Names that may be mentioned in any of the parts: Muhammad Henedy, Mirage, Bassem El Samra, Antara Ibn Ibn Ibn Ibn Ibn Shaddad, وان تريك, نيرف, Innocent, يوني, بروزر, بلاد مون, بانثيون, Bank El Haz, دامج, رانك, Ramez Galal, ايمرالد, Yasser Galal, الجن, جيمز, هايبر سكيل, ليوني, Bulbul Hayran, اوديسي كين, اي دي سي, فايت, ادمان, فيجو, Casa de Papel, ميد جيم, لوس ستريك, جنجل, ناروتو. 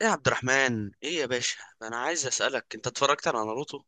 ايه يا عبد الرحمن، ايه يا باشا، انا عايز اسالك، انت اتفرجت على ناروتو؟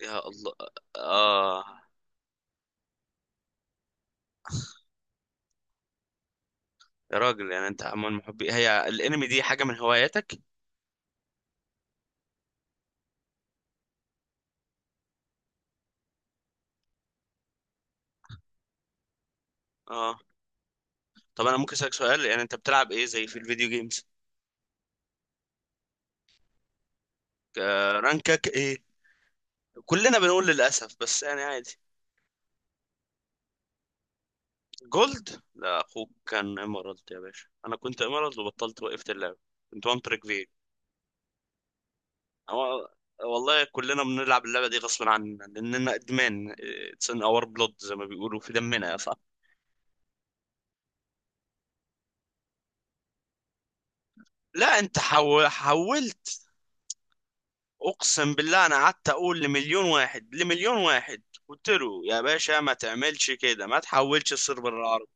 يا الله. اه. يا راجل، يعني انت من محبي هي الانمي دي؟ حاجه من هواياتك؟ اه. طب انا ممكن اسالك سؤال، يعني انت بتلعب ايه زي في الفيديو جيمز؟ آه، رانكك ايه؟ كلنا بنقول للاسف، بس يعني عادي. جولد؟ لا، اخوك كان ايمرالد يا باشا. انا كنت ايمرالد وبطلت، وقفت اللعبه. كنت وان تريك في... هو والله كلنا بنلعب اللعبه دي غصب عننا لاننا ادمان. اتس ان اور بلود، زي ما بيقولوا في دمنا يا صاحبي. لا انت حولت. اقسم بالله انا قعدت اقول لمليون واحد، لمليون واحد قلت له: يا باشا ما تعملش كده، ما تحولش الصير بالعرض.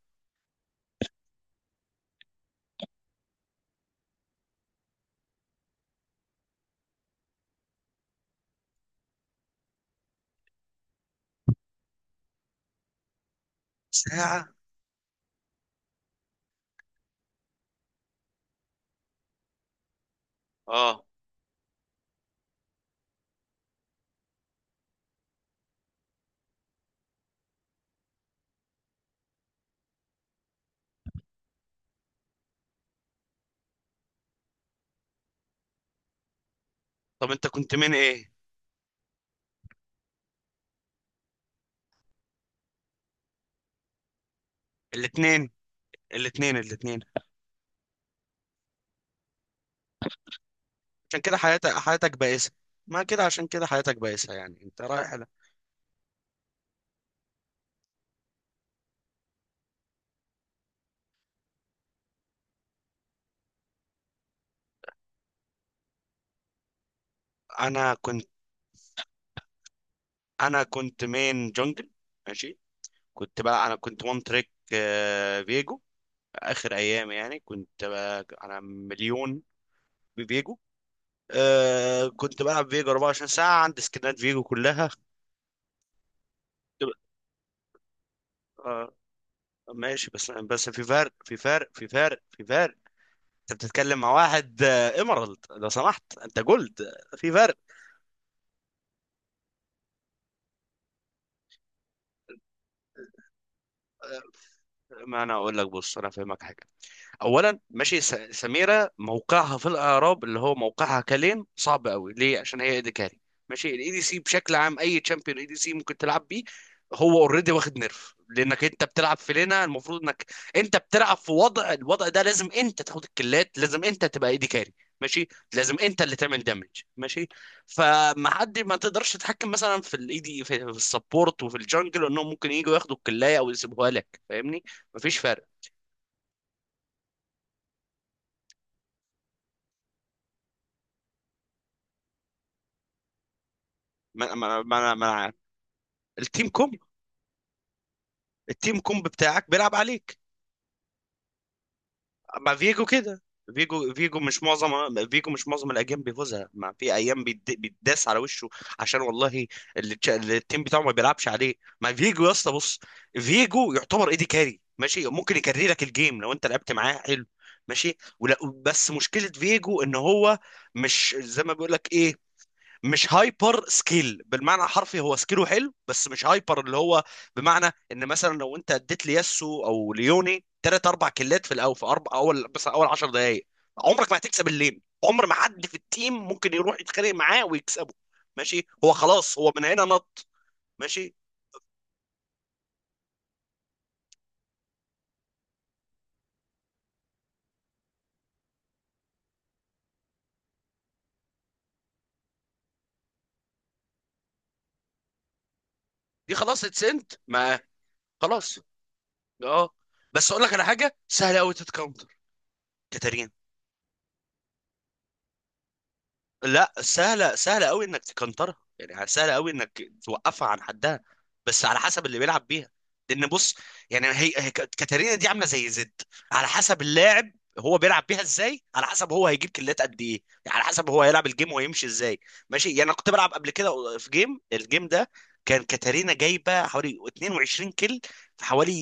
ساعة؟ اه. طب انت كنت من ايه؟ الاتنين، الاتنين الاتنين. عشان كده حياتك، حياتك بائسة. ما كده، عشان كده حياتك بائسة، يعني انت رايح انا كنت مين جونجل. ماشي. كنت بقى انا كنت وان تريك فيجو، اخر ايام، يعني كنت بقى انا مليون بفيجو. آه، كنت بلعب فيجو 24 ساعة، عندي سكنات فيجو كلها. كنت ب- آه ماشي. بس في فرق، في فرق، في فرق، في فرق. انت بتتكلم مع واحد ايمرالد لو سمحت، انت جولد. في فرق. ما انا اقول لك، بص انا افهمك حاجة. اولا ماشي، سميره موقعها في الاعراب، اللي هو موقعها كلام صعب قوي ليه، عشان هي ايديكاري. ماشي، الاي دي سي بشكل عام، اي تشامبيون اي دي سي ممكن تلعب بيه. هو اوريدي واخد نيرف، لانك انت بتلعب في لينا، المفروض انك انت بتلعب في وضع، الوضع ده لازم انت تاخد الكلات، لازم انت تبقى ايدي كاري. ماشي. لازم انت اللي تعمل دامج. ماشي. فما حد، ما تقدرش تتحكم مثلا في الاي دي في، في السبورت، وفي الجنجل، انهم ممكن يجوا ياخدوا الكلايه او يسيبوها لك. فاهمني؟ مفيش فرق. ما التيم كومب، التيم كومب بتاعك بيلعب عليك. مع فيجو كده، فيجو، فيجو مش معظم فيجو مش معظم الايام بيفوزها، ما في ايام بيتداس على وشه، عشان والله، اللي التيم بتاعه ما بيلعبش عليه. مع فيجو يا اسطى، بص، فيجو يعتبر ايدي كاري، ماشي، ممكن يكري لك الجيم لو انت لعبت معاه حلو، ماشي ولا. بس مشكله فيجو ان هو مش زي ما بيقول لك ايه، مش هايبر سكيل بالمعنى الحرفي، هو سكيله حلو بس مش هايبر، اللي هو بمعنى ان مثلا لو انت اديت لياسو او ليوني ثلاث اربع كلات في الاول، في اربع اول، بس اول 10 دقائق، عمرك ما هتكسب الليل، عمر ما حد في التيم ممكن يروح يتخانق معاه ويكسبه. ماشي، هو خلاص، هو من هنا نط. ماشي، دي خلاص اتسنت. ما خلاص، اه. بس اقول لك على حاجه سهله قوي تتكونتر، كاتارينا. لا سهله، سهله قوي انك تكنترها، يعني سهله قوي انك توقفها عن حدها، بس على حسب اللي بيلعب بيها. لان بص، يعني كاتارينا دي عامله زي زد، على حسب اللاعب، هو بيلعب بيها ازاي، على حسب هو هيجيب كلات قد ايه، يعني على حسب هو هيلعب الجيم وهيمشي ازاي. ماشي، يعني انا كنت بلعب قبل كده في جيم، الجيم ده كان كاتارينا جايبه حوالي 22 كل، في حوالي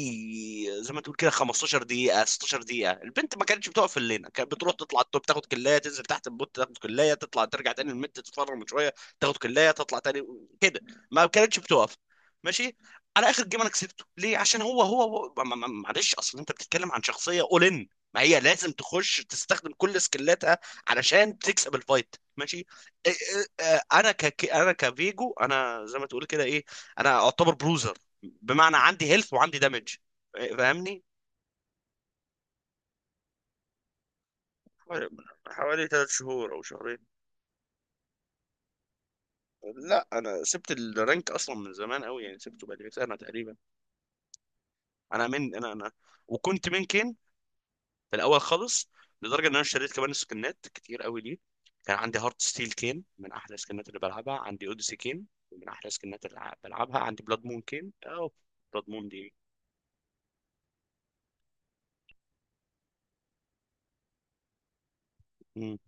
زي ما تقول كده 15 دقيقه 16 دقيقه، البنت ما كانتش بتقف في اللينه، كانت بتروح تطلع التوب تاخد كلايه، تنزل تحت البوت تاخد كلايه، تطلع ترجع تاني الميد تتفرج شويه، تاخد كلايه تطلع تاني كده، ما كانتش بتقف. ماشي. على اخر جيم انا كسبته ليه، عشان هو هو, هو ما- ما- ما- معلش، اصل انت بتتكلم عن شخصيه، اول ان ما هي لازم تخش تستخدم كل سكيلاتها علشان تكسب الفايت. ماشي. انا انا كفيجو، انا زي ما تقول كده ايه، انا اعتبر بروزر، بمعنى عندي هيلث وعندي دامج. فاهمني؟ حوالي، حوالي ثلاث شهور او شهرين. لا انا سبت الرانك اصلا من زمان قوي، يعني سبته بقالي سنه تقريبا. انا من انا انا وكنت منكن في الاول خالص، لدرجه ان انا اشتريت كمان سكنات كتير قوي ليه. كان عندي هارت ستيل كين، من احلى السكنات اللي بلعبها، عندي اوديسي كين من احلى السكنات اللي بلعبها، عندي بلاد مون كين او بلاد مون دي. مم.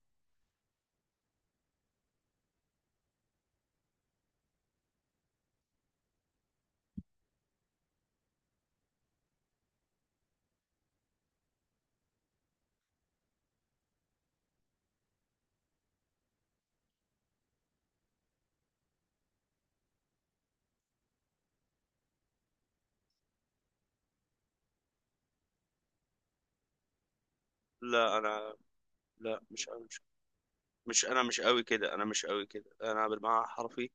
لا انا، لا مش انا، مش قوي كده، انا مش قوي كده، انا بالمعنى الحرفي.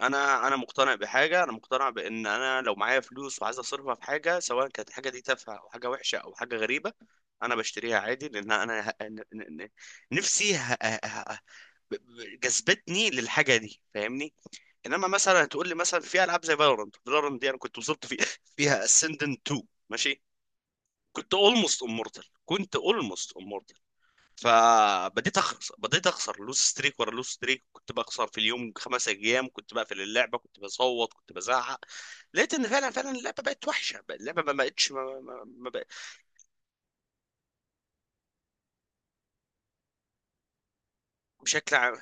انا مقتنع بحاجه، انا مقتنع بان انا لو معايا فلوس وعايز اصرفها في حاجه، سواء كانت الحاجه دي تافهه او حاجه وحشه او حاجه غريبه، انا بشتريها عادي، لان انا نفسي جذبتني للحاجه دي. فاهمني؟ انما مثلا هتقول لي مثلا في العاب زي فالورانت، فالورانت دي انا كنت وصلت في فيها اسندنت 2. ماشي. كنت اولموست امورتال، كنت اولموست، فبديت اخسر، بديت اخسر لوس ستريك ورا لوس ستريك، كنت بخسر في اليوم خمس ايام، كنت بقفل اللعبه، كنت بصوت، كنت بزعق، لقيت ان فعلا فعلا اللعبه بقت وحشه، اللعبه ما بقتش، ما ما ما بقت. بشكل عام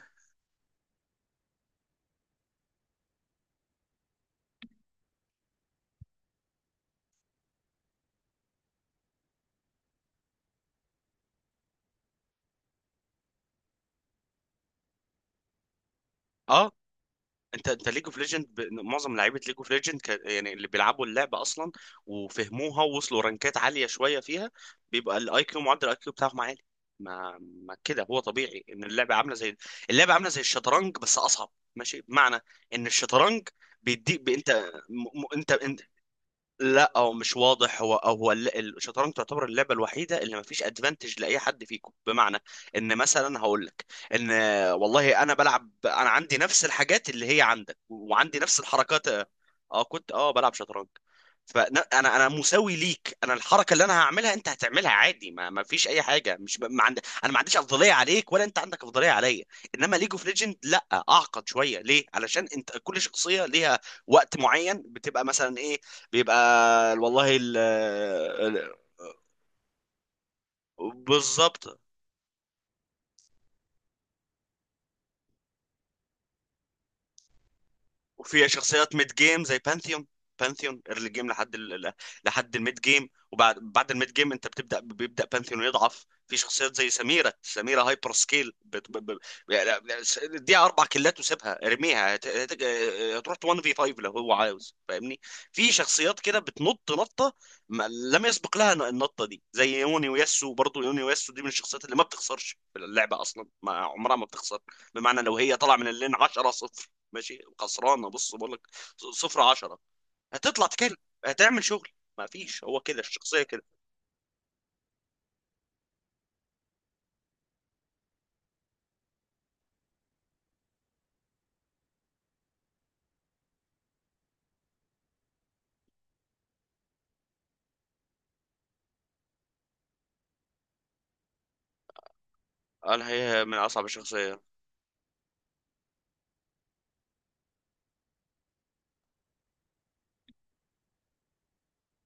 اه. انت ليج اوف ليجند، معظم لعيبه ليج اوف ليجند يعني، اللي بيلعبوا اللعبه اصلا وفهموها ووصلوا رانكات عاليه شويه فيها، بيبقى الاي كيو، معدل الاي كيو بتاعهم عالي. ما كده، هو طبيعي ان اللعبه عامله زي، اللعبه عامله زي الشطرنج بس اصعب. ماشي، بمعنى ان الشطرنج بيديك انت، انت انت، لا او مش واضح، هو او هو الل- الشطرنج تعتبر اللعبه الوحيده اللي ما فيش ادفانتج لاي حد فيكم، بمعنى ان مثلا هقول لك ان والله انا بلعب، انا عندي نفس الحاجات اللي هي عندك، وعندي نفس الحركات. اه كنت، اه بلعب شطرنج. فانا انا أنا مساوي ليك، انا الحركه اللي انا هعملها انت هتعملها عادي، ما فيش اي حاجه، مش ب... ما عند... انا ما عنديش افضليه عليك، ولا انت عندك افضليه عليا. انما ليج اوف ليجند لا، اعقد شويه ليه، علشان انت كل شخصيه ليها وقت معين، بتبقى مثلا ايه، بيبقى والله بالظبط. وفي شخصيات ميد جيم زي بانثيون، بانثيون ايرلي جيم لحد لحد الميد جيم، وبعد بعد الميد جيم انت بتبدا، بيبدا بانثيون يضعف. في شخصيات زي سميره، سميره هايبر سكيل يعني، دي اربع كيلات وسيبها ارميها، هت... هت... آه، هتروح 1 في 5 لو هو عاوز. فاهمني؟ في شخصيات كده بتنط نطه ما... لم يسبق لها النطه دي، زي يوني وياسو، برضه يوني وياسو دي من الشخصيات اللي ما بتخسرش في اللعبه اصلا، ما عمرها ما بتخسر. بمعنى لو هي طالعه من اللين 10 0 ماشي، خسرانه، بص بقول لك، صفر عشرة، هتطلع تكل، هتعمل شغل. ما فيش، هو كده الشخصيه كده. انا هي من اصعب الشخصيه.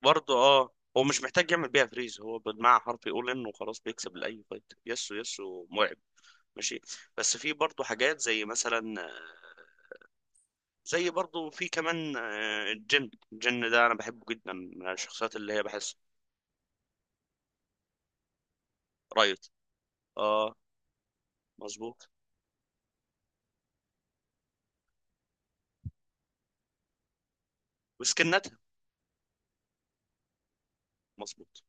برضه اه، هو مش محتاج يعمل بيها فريز، هو بالمعنى حرفي يقول انه خلاص بيكسب لاي فايت. يسو، يسو مرعب. ماشي. بس في برضه حاجات زي مثلا، زي برضه في كمان الجن، الجن ده انا بحبه جدا، من الشخصيات اللي هي بحس، رايت. اه. مظبوط. وسكنتها. مظبوط.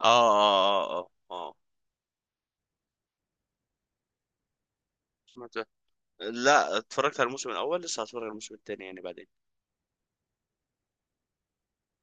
اه اه اه اه, آه. سمعت. لا اتفرجت على الموسم الاول، لسه هتفرج على الموسم الثاني يعني بعدين.